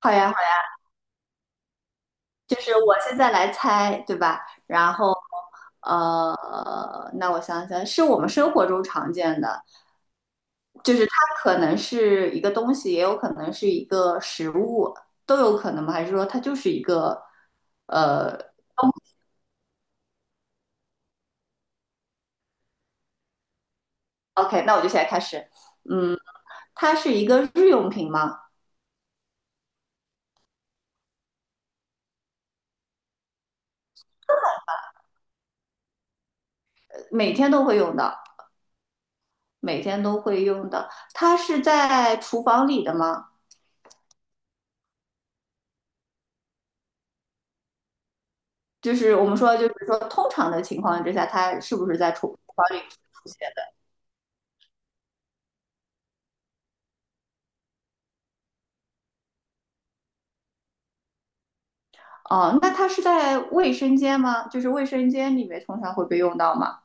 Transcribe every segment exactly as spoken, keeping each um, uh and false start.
好呀，好呀，就是我现在来猜，对吧？然后，呃，那我想想，是我们生活中常见的，就是它可能是一个东西，也有可能是一个食物，都有可能吗？还是说它就是一个，呃，OK，那我就现在开始。嗯，它是一个日用品吗？每天都会用的，每天都会用的，它是在厨房里的吗？就是我们说，就是说通常的情况之下，它是不是在厨房里出现的？哦，那它是在卫生间吗？就是卫生间里面通常会被用到吗？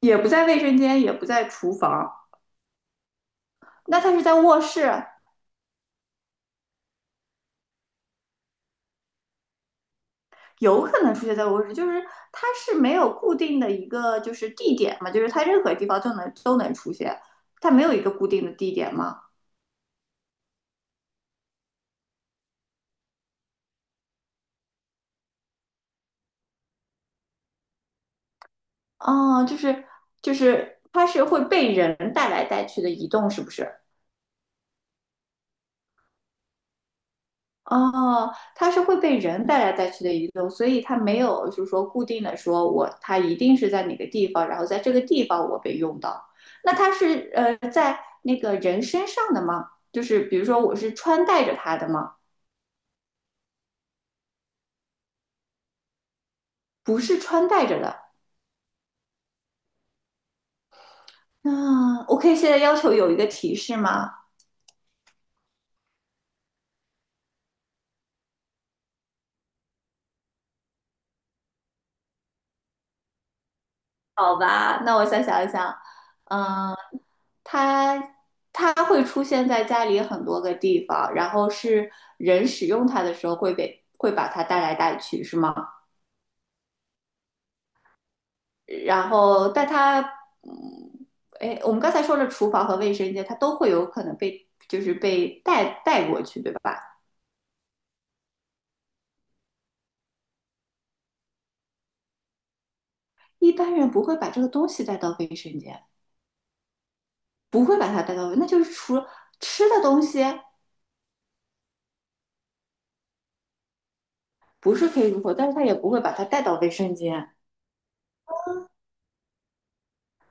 也不在卫生间，也不在厨房，那它是在卧室，有可能出现在卧室，就是它是没有固定的一个就是地点嘛，就是它任何地方都能都能出现，它没有一个固定的地点吗？哦，就是就是它是会被人带来带去的移动，是不是？哦，它是会被人带来带去的移动，所以它没有就是说固定的说我它一定是在哪个地方，然后在这个地方我被用到。那它是呃在那个人身上的吗？就是比如说我是穿戴着它的吗？不是穿戴着的。那 OK，现在要求有一个提示吗？好吧，那我再想一想。嗯，它它会出现在家里很多个地方，然后是人使用它的时候会被会把它带来带去，是吗？然后，但它，嗯，哎，我们刚才说了厨房和卫生间，它都会有可能被就是被带带过去，对吧？一般人不会把这个东西带到卫生间，不会把它带到，那就是除了吃的东西不是可以入口，但是他也不会把它带到卫生间。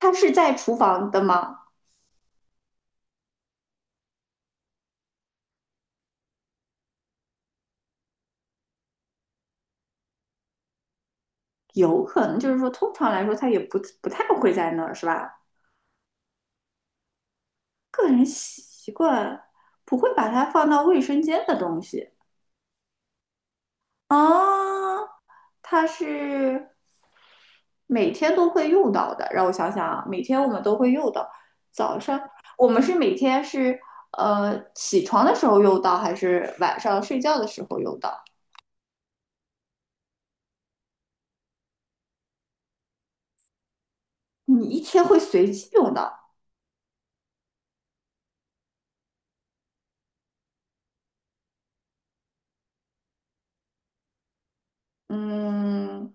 它是在厨房的吗？有可能，就是说，通常来说，它也不不太会在那儿，是吧？个人习惯不会把它放到卫生间的东西啊，它是每天都会用到的。让我想想啊，每天我们都会用到。早上我们是每天是呃起床的时候用到，还是晚上睡觉的时候用到？你一天会随机用到。嗯，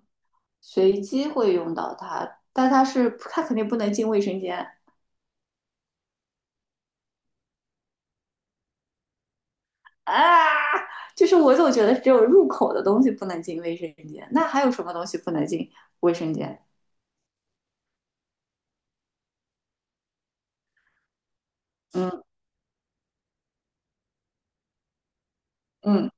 随机会用到它，但它是它肯定不能进卫生间啊。就是我总觉得只有入口的东西不能进卫生间，那还有什么东西不能进卫生间？嗯嗯，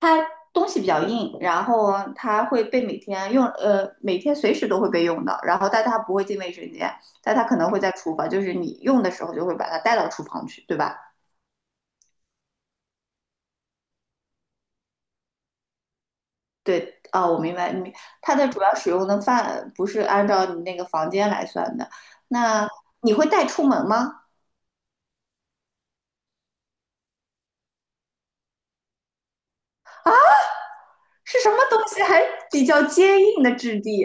它东西比较硬，然后它会被每天用，呃，每天随时都会被用到，然后但它不会进卫生间，但它可能会在厨房，就是你用的时候就会把它带到厨房去，对吧？对，啊，我明白，你它的主要使用的范不是按照你那个房间来算的。那你会带出门吗？是什么东西还比较坚硬的质地？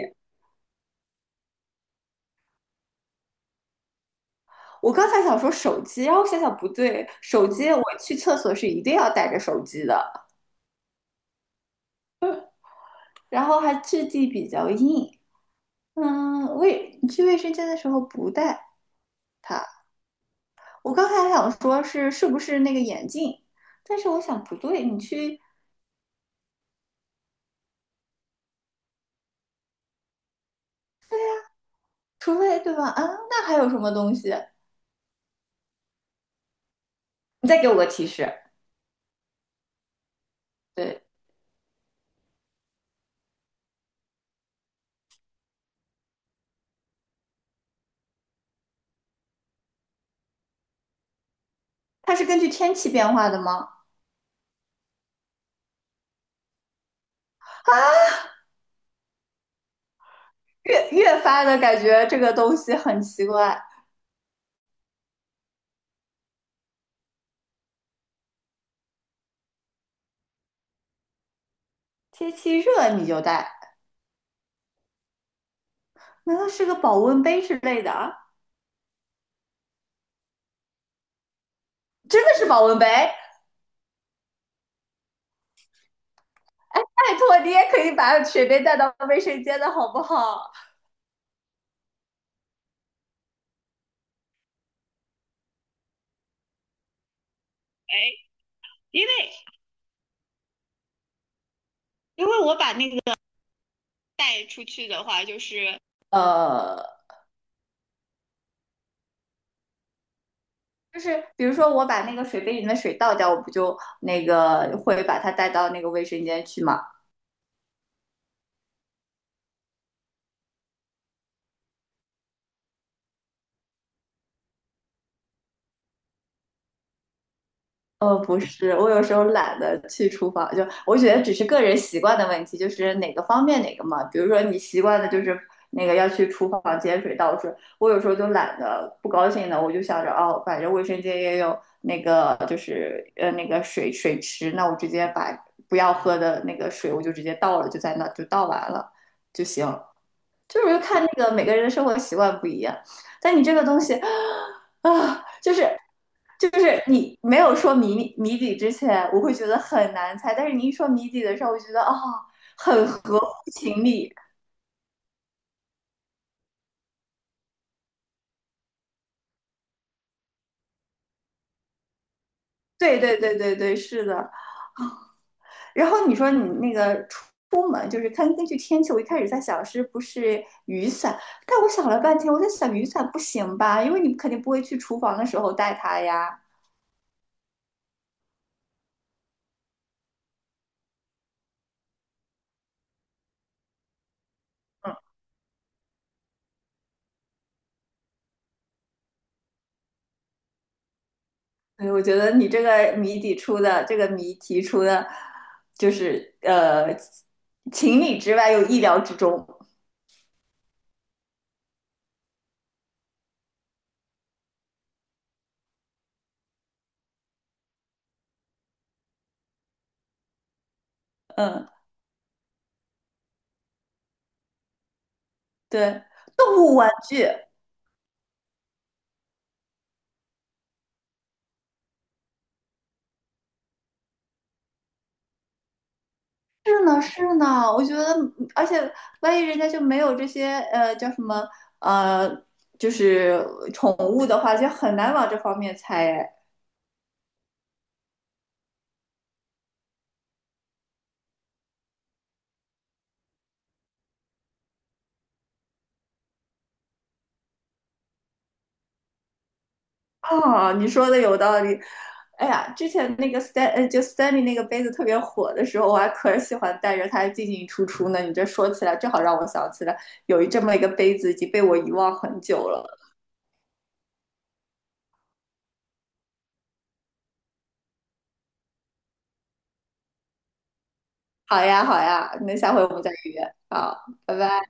我刚才想说手机，然后想想不对，手机我去厕所是一定要带着手机的，然后还质地比较硬。嗯，卫去卫生间的时候不带它。我刚才还想说是是不是那个眼镜，但是我想不对，你去，除非对吧？啊，那还有什么东西？你再给我个提示。对，它是根据天气变化的吗？越越发的感觉这个东西很奇怪，天气热你就带，难道是个保温杯之类的啊？真的是保温杯？拜托，你也可以把水杯带到卫生间的好不好？因为因为我把那个带出去的话，就是呃，就是比如说我把那个水杯里面的水倒掉，我不就那个会把它带到那个卫生间去吗？哦，不是，我有时候懒得去厨房，就我觉得只是个人习惯的问题，就是哪个方便哪个嘛。比如说你习惯的就是那个要去厨房接水倒水，我有时候就懒得不高兴的，我就想着哦，反正卫生间也有，呃就是呃那个水水池，那我直接把不要喝的那个水我就直接倒了，就在那就倒完了就行。就是就看那个每个人的生活习惯不一样，但你这个东西啊，就是就是你没有说谜谜底之前，我会觉得很难猜，但是你一说谜底的时候，我觉得啊、哦很合乎情理。对对对对对，是的。然后你说你那个出出门，就是看根据天气，我一开始在想是不是雨伞，但我想了半天，我在想雨伞不行吧，因为你肯定不会去厨房的时候带它呀。对，我觉得你这个谜底出的，这个谜题出的，就是呃，情理之外又意料之中。嗯，对，动物玩具是呢是呢，我觉得，而且万一人家就没有这些呃叫什么呃，就是宠物的话，就很难往这方面猜。哦，你说的有道理。哎呀，之前那个 Stan，呃就 Stanley 那个杯子特别火的时候，我还可喜欢带着它进进出出呢。你这说起来，正好让我想起来有一这么一个杯子已经被我遗忘很久了。好呀，好呀，那下回我们再约。好，拜拜。